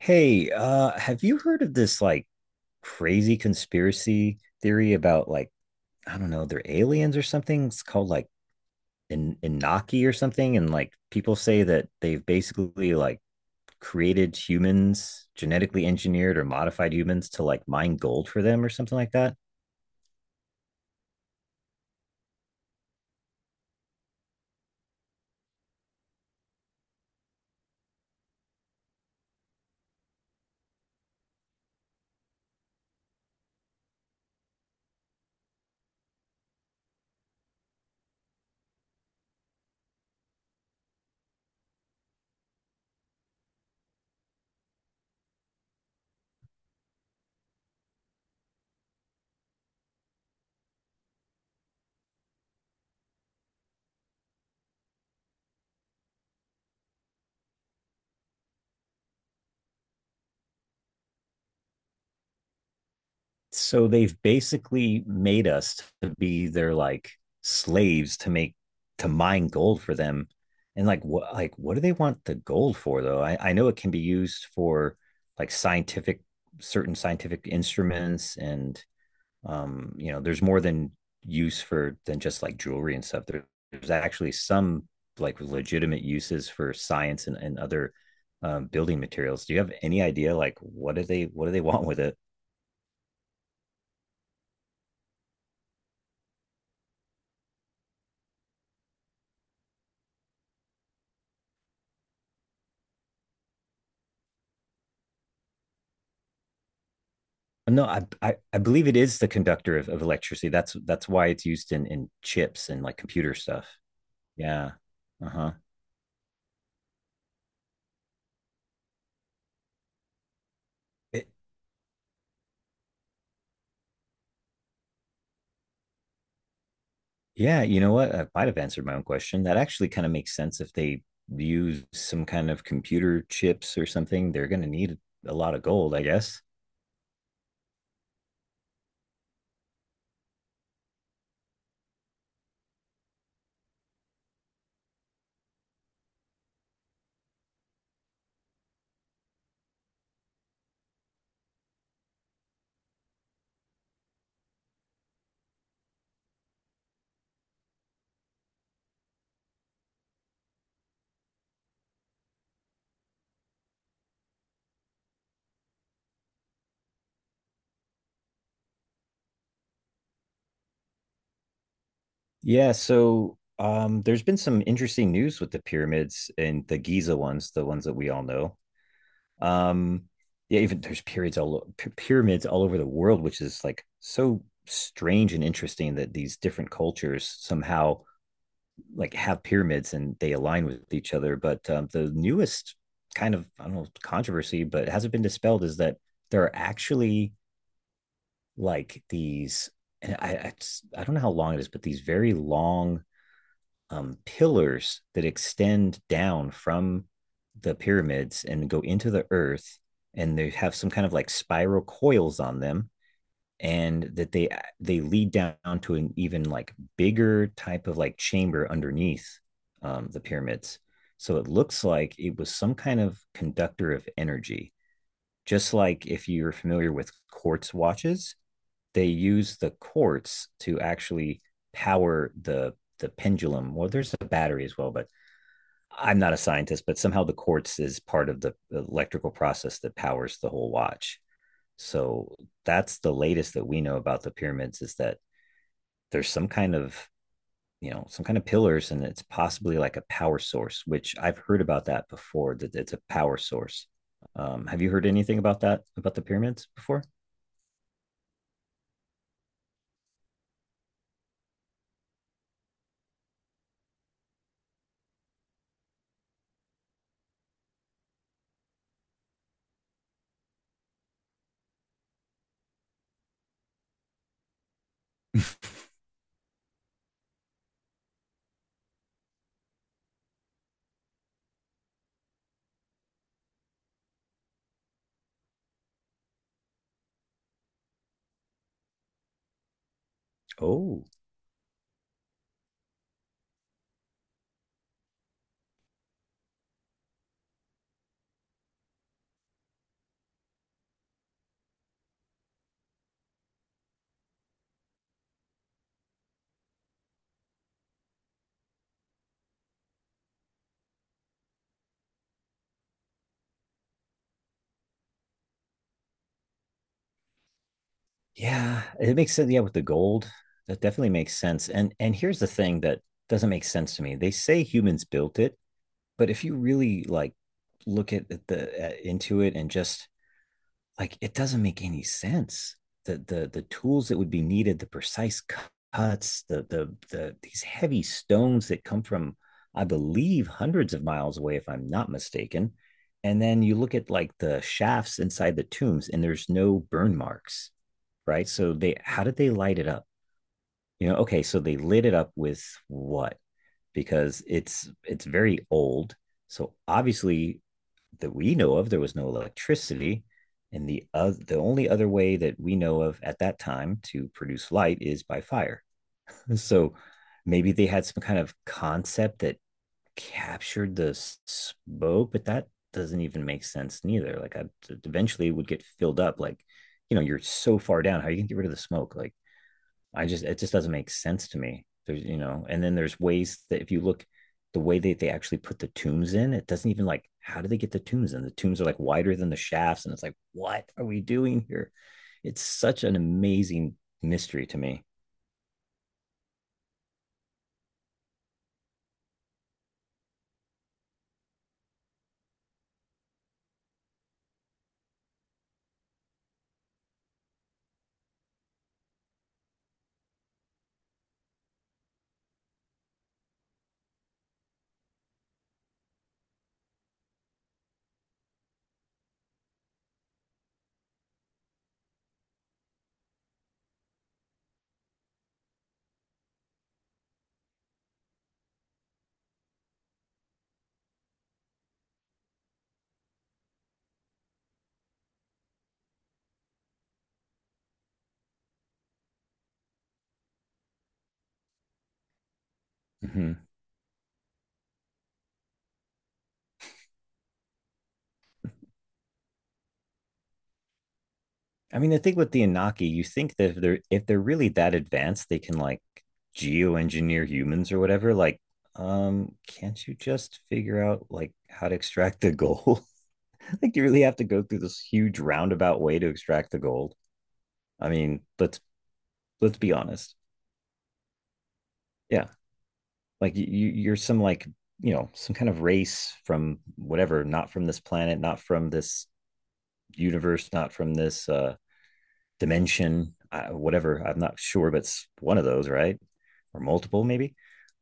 Hey, have you heard of this crazy conspiracy theory about like I don't know, they're aliens or something? It's called like In Inaki or something, and like people say that they've basically like created humans, genetically engineered or modified humans to like mine gold for them or something like that. So they've basically made us to be their like slaves to make to mine gold for them. And what do they want the gold for? Though I know it can be used for like scientific certain scientific instruments. And you know, there's more than use for than just like jewelry and stuff. There's actually some like legitimate uses for science and other building materials. Do you have any idea like what do they want with it? No, I believe it is the conductor of electricity. That's why it's used in chips and like computer stuff. Yeah. Uh-huh. It, yeah, you know what? I might have answered my own question. That actually kind of makes sense. If they use some kind of computer chips or something, they're going to need a lot of gold, I guess. Yeah, so there's been some interesting news with the pyramids, and the Giza ones, the ones that we all know. Um, yeah, even there's periods all pyramids all over the world, which is like so strange and interesting that these different cultures somehow like have pyramids and they align with each other. But the newest kind of, I don't know, controversy, but it hasn't been dispelled, is that there are actually like these, and I don't know how long it is, but these very long pillars that extend down from the pyramids and go into the earth, and they have some kind of like spiral coils on them, and that they lead down to an even like bigger type of like chamber underneath the pyramids. So it looks like it was some kind of conductor of energy. Just like if you're familiar with quartz watches, they use the quartz to actually power the pendulum. Well, there's a battery as well, but I'm not a scientist. But somehow the quartz is part of the electrical process that powers the whole watch. So that's the latest that we know about the pyramids, is that there's some kind of, some kind of pillars, and it's possibly like a power source, which I've heard about that before, that it's a power source. Have you heard anything about that, about the pyramids before? Oh, yeah, it makes sense. Yeah, with the gold, that definitely makes sense. And here's the thing that doesn't make sense to me. They say humans built it, but if you really like look into it, and just like it doesn't make any sense. The tools that would be needed, the precise cuts, the these heavy stones that come from, I believe, hundreds of miles away, if I'm not mistaken. And then you look at like the shafts inside the tombs, and there's no burn marks, right? So they how did they light it up? You know, okay, so they lit it up with what? Because it's very old. So obviously, that we know of, there was no electricity. And the only other way that we know of at that time to produce light is by fire. So maybe they had some kind of concept that captured the smoke, but that doesn't even make sense neither. Like I Eventually it would get filled up. Like, you know, you're so far down. How are you gonna get rid of the smoke? Like, I just it just doesn't make sense to me. There's You know, and then there's ways that if you look the way that they actually put the tombs in, it doesn't even like, how do they get the tombs in? The tombs are like wider than the shafts, and it's like, what are we doing here? It's such an amazing mystery to me. Mm-hmm. I mean, the thing with the Inaki, you think that if they're really that advanced, they can like geoengineer humans or whatever. Like, can't you just figure out like how to extract the gold? Like, you really have to go through this huge roundabout way to extract the gold. I mean, let's be honest. Yeah, you you're some like, you know, some kind of race from whatever, not from this planet, not from this universe, not from this dimension, whatever. I'm not sure, but it's one of those, right? Or multiple, maybe.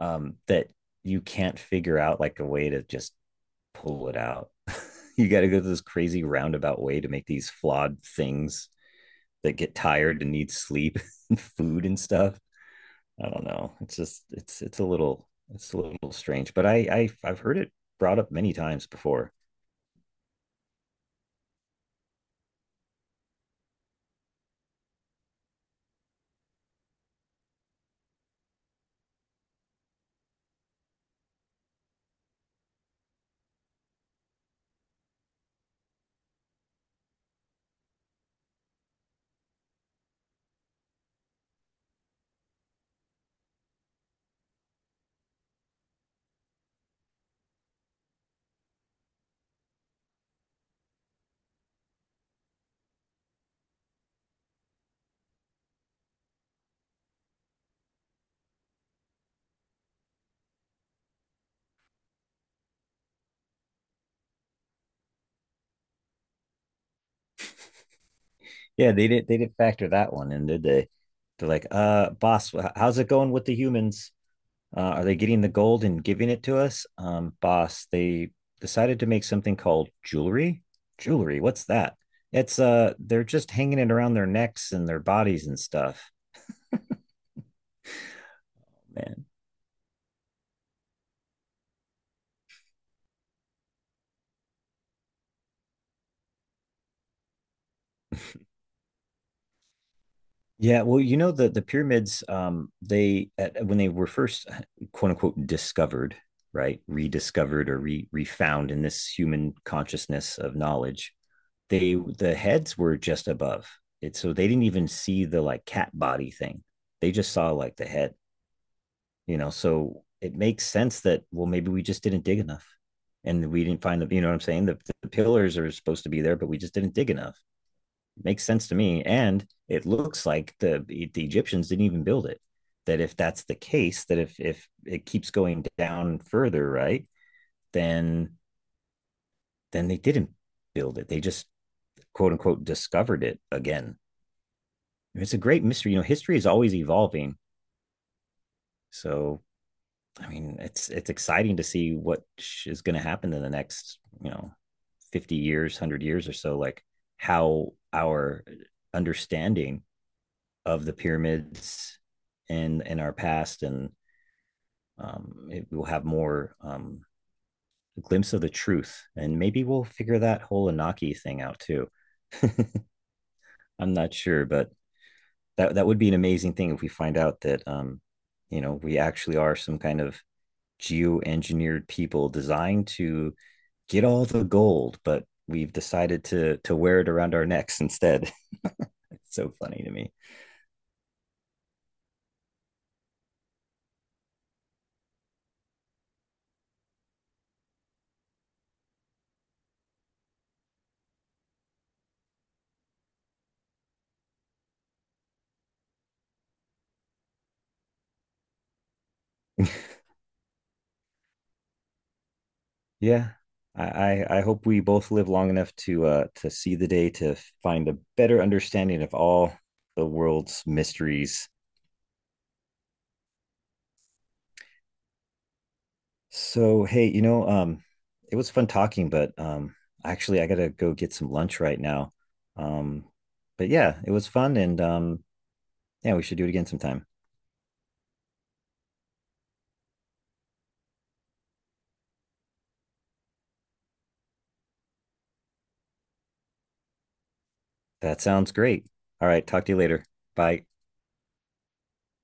That you can't figure out like a way to just pull it out. You got to go through this crazy roundabout way to make these flawed things that get tired and need sleep and food and stuff. I don't know. It's just, it's a little, it's a little strange, but I've heard it brought up many times before. Yeah, they didn't factor that one in, did they? They're like, boss, how's it going with the humans? Are they getting the gold and giving it to us? Boss, they decided to make something called jewelry. Jewelry, what's that? It's they're just hanging it around their necks and their bodies and stuff, man. Yeah, well, you know, the pyramids, they when they were first quote unquote discovered, right, rediscovered or re refound in this human consciousness of knowledge, the heads were just above it, so they didn't even see the like cat body thing. They just saw like the head, you know? So it makes sense that, well, maybe we just didn't dig enough, and we didn't find the, you know what I'm saying, the pillars are supposed to be there, but we just didn't dig enough. It makes sense to me, and it looks like the Egyptians didn't even build it. That if that's the case, that if it keeps going down further, right, then they didn't build it. They just quote unquote discovered it again. It's a great mystery. You know, history is always evolving. So I mean, it's exciting to see what is going to happen in the next, you know, 50 years, 100 years or so. Like how our understanding of the pyramids and in our past, and we'll have more, a glimpse of the truth, and maybe we'll figure that whole Anaki thing out too. I'm not sure, but that would be an amazing thing if we find out that, you know, we actually are some kind of geo-engineered people designed to get all the gold, but we've decided to wear it around our necks instead. It's so funny to me. Yeah. I hope we both live long enough to see the day, to find a better understanding of all the world's mysteries. So hey, you know, it was fun talking, but actually I gotta go get some lunch right now. Um but yeah, it was fun, and yeah, we should do it again sometime. That sounds great. All right, talk to you later. Bye.